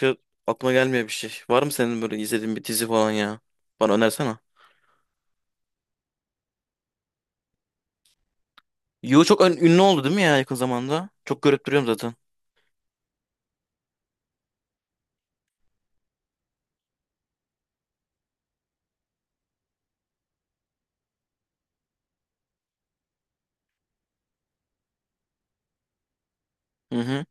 Şu aklıma gelmiyor bir şey. Var mı senin böyle izlediğin bir dizi falan ya? Bana önersene. You çok ünlü oldu değil mi ya yakın zamanda? Çok görüp duruyorum zaten. Hı hı.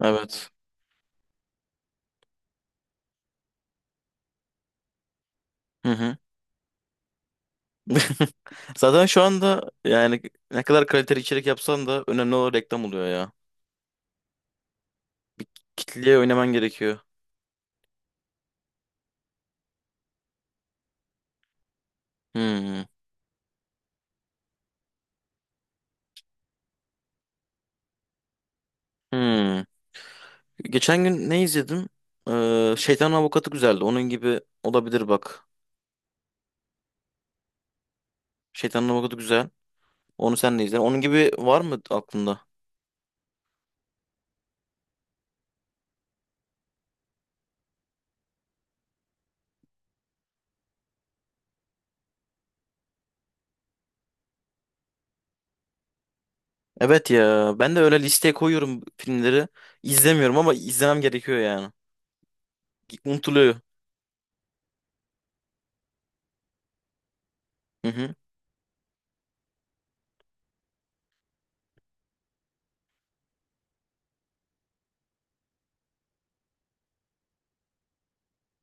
Evet. Hı hı. Zaten şu anda yani ne kadar kaliteli içerik yapsan da önemli olan reklam oluyor ya. Kitleye oynaman gerekiyor. Hmm. Hmm. Geçen gün ne izledim? Şeytanın Avukatı güzeldi. Onun gibi olabilir bak. Şeytanın Avukatı güzel. Onu sen de izle. Onun gibi var mı aklında? Evet ya ben de öyle listeye koyuyorum filmleri. İzlemiyorum ama izlemem gerekiyor yani. Unutuluyor. Hı hı.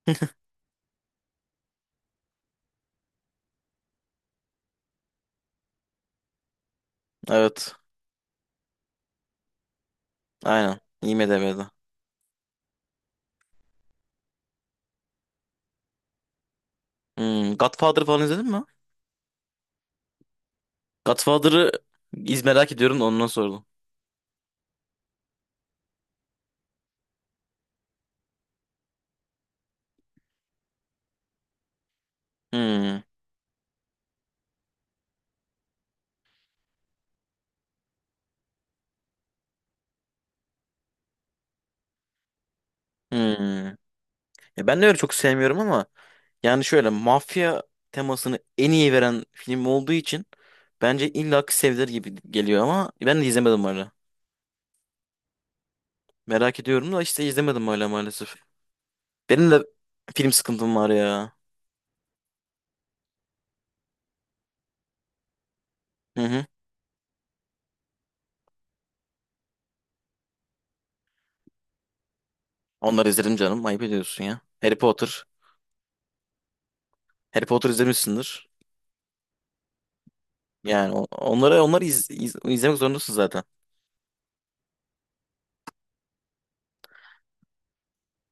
Evet. Aynen. IMDb'de. Hmm, Godfather falan izledin mi? Godfather'ı merak ediyorum da ondan sordum. Hmm, hmm. Ya ben de öyle çok sevmiyorum ama yani şöyle mafya temasını en iyi veren film olduğu için bence illa ki sevilir gibi geliyor ama ben de izlemedim öyle. Merak ediyorum da işte izlemedim hala maalesef. Benim de film sıkıntım var ya. Hı hı. Onları izledim canım. Ayıp ediyorsun ya. Harry Potter. Harry Potter izlemişsindir. Yani onları izlemek zorundasın zaten.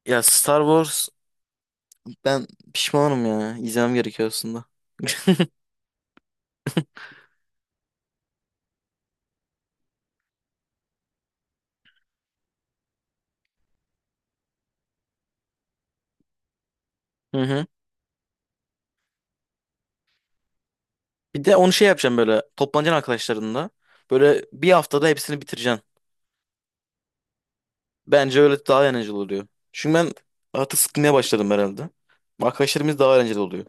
Ya Star Wars ben pişmanım ya. İzlemem gerekiyor aslında. Hı hı. Bir de onu şey yapacağım, böyle toplanacaksın arkadaşlarınla. Böyle bir haftada hepsini bitireceksin. Bence öyle daha eğlenceli oluyor. Çünkü ben artık sıkılmaya başladım herhalde. Arkadaşlarımız daha eğlenceli oluyor.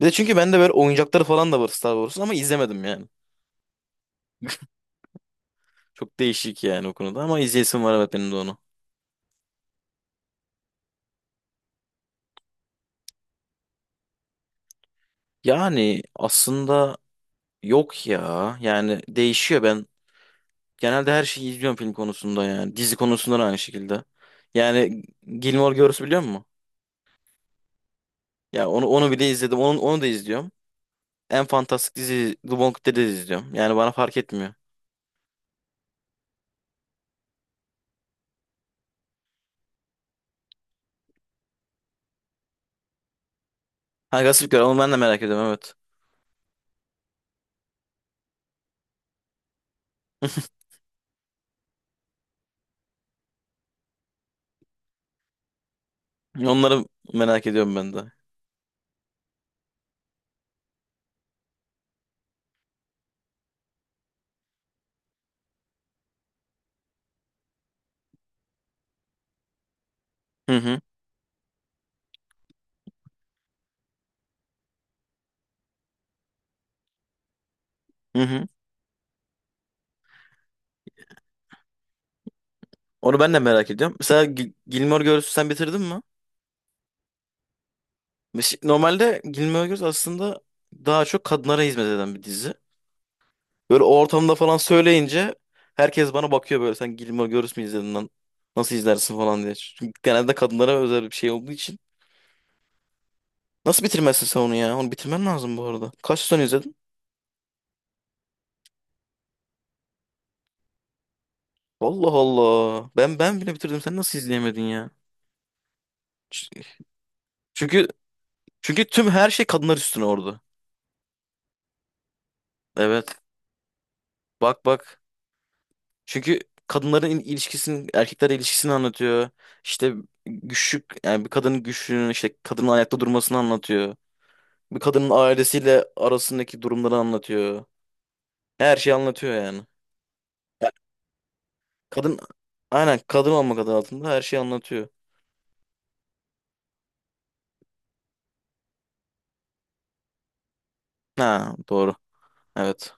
Bir de çünkü bende böyle oyuncakları falan da var Star Wars'un ama izlemedim yani. Çok değişik yani o konuda ama izleyesim var, evet, benim de onu. Yani aslında yok ya. Yani değişiyor ben. Genelde her şeyi izliyorum film konusunda yani. Dizi konusunda da aynı şekilde. Yani Gilmore Girls biliyor musun? Ya onu bile izledim. Onu da izliyorum. En fantastik dizi The Walking Dead'i de izliyorum. Yani bana fark etmiyor. Ha Gossip Girl, onu ben de merak ediyorum, evet. Onları merak ediyorum ben de. Hı hı. Hı hı. Onu ben de merak ediyorum. Mesela Gilmore Girls'ü sen bitirdin mi? Normalde Gilmore Girls aslında daha çok kadınlara hizmet eden bir dizi. Böyle o ortamda falan söyleyince herkes bana bakıyor, böyle sen Gilmore Girls mi izledin lan? Nasıl izlersin falan diye. Çünkü genelde kadınlara özel bir şey olduğu için. Nasıl bitirmezsin sen onu ya? Onu bitirmen lazım bu arada. Kaç sezon izledin? Allah Allah. Ben bile bitirdim. Sen nasıl izleyemedin ya? Ç- Çünkü çünkü tüm her şey kadınlar üstüne orada. Evet. Bak bak. Çünkü kadınların ilişkisini, erkeklerle ilişkisini anlatıyor. İşte güçlük, yani bir kadının güçlüğünü, işte kadının ayakta durmasını anlatıyor. Bir kadının ailesiyle arasındaki durumları anlatıyor. Her şeyi anlatıyor yani. Ya, kadın, aynen kadın olmak adı altında her şeyi anlatıyor. Ha, doğru. Evet.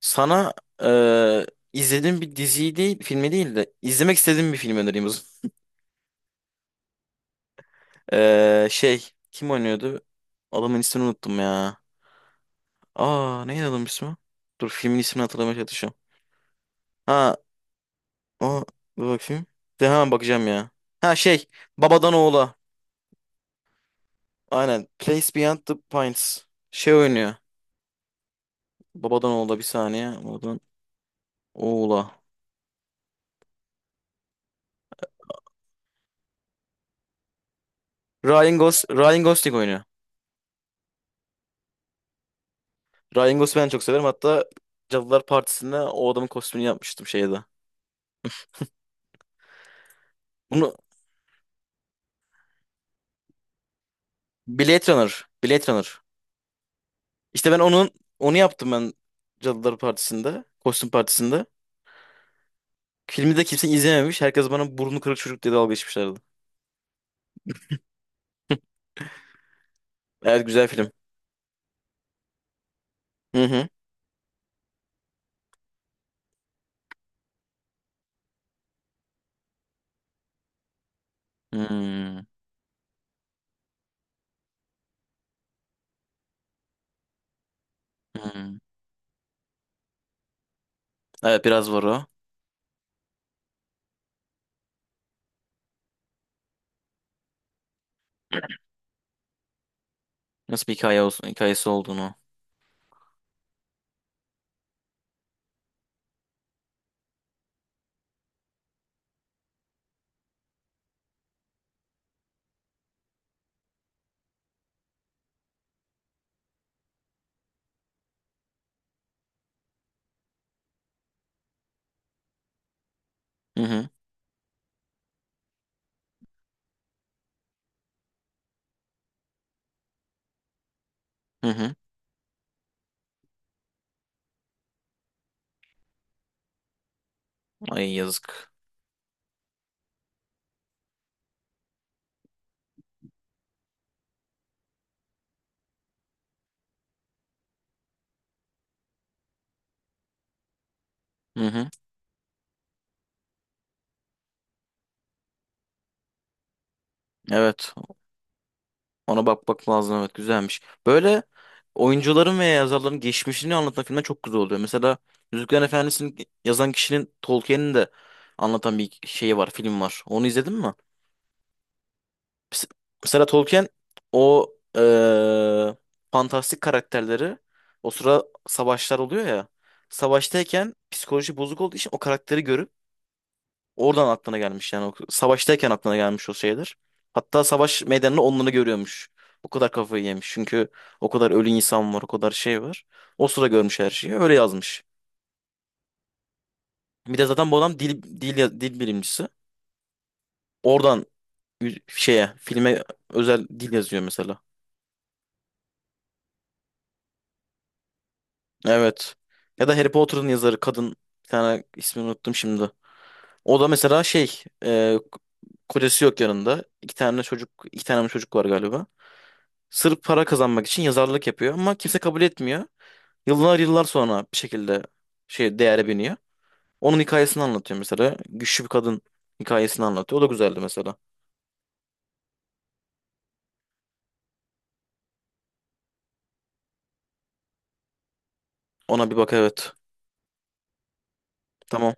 Sana eee izlediğim bir diziyi değil, filmi değil de izlemek istediğim bir film önereyim o zaman. Şey, kim oynuyordu? Adamın ismini unuttum ya. Aa neydi adamın ismi? Dur filmin ismini hatırlamaya çalışıyorum. Ha o, dur bakayım. De hemen bakacağım ya. Ha şey, Babadan Oğula. Aynen. Place Beyond the Pines. Şey oynuyor. Babadan Oğula, bir saniye. Babadan Oğula. Ryan Gosling oynuyor. Ryan Gosling'i ben çok severim. Hatta Cadılar Partisi'nde o adamın kostümünü yapmıştım şeyde. Bunu Blade Runner. Blade Runner. İşte ben onun onu yaptım ben, Cadılar Partisi'nde. Kostüm Partisi'nde. Filmi de kimse izlememiş. Herkes bana burnu kırık çocuk diye dalga geçmişlerdi. Evet güzel film. Hı hı. Hmm, hmm. Evet biraz var o. Nasıl bir hikaye olsun, hikayesi olduğunu. Hı hı. Hı hı. Ay yazık. Hı hı. Evet. Ona bakmak lazım, evet, güzelmiş. Böyle oyuncuların veya yazarların geçmişini anlatan filmler çok güzel oluyor. Mesela Yüzüklerin Efendisi'ni yazan kişinin, Tolkien'in de anlatan bir şeyi var, film var. Onu izledin mi? Mes- Mesela Tolkien o, eee, fantastik karakterleri, o sıra savaşlar oluyor ya. Savaştayken psikoloji bozuk olduğu için o karakteri görüp oradan aklına gelmiş yani. O savaştayken aklına gelmiş o şeyler. Hatta savaş meydanını, onları görüyormuş. O kadar kafayı yemiş. Çünkü o kadar ölü insan var, o kadar şey var. O sıra görmüş her şeyi. Öyle yazmış. Bir de zaten bu adam dil dil bilimcisi. Oradan şeye, filme özel dil yazıyor mesela. Evet. Ya da Harry Potter'ın yazarı kadın bir tane, ismini unuttum şimdi. O da mesela şey, kocası yok yanında. İki tane çocuk, iki tane mi çocuk var galiba. Sırf para kazanmak için yazarlık yapıyor ama kimse kabul etmiyor. Yıllar yıllar sonra bir şekilde şey, değere biniyor. Onun hikayesini anlatıyor mesela. Güçlü bir kadın hikayesini anlatıyor. O da güzeldi mesela. Ona bir bak, evet. Tamam.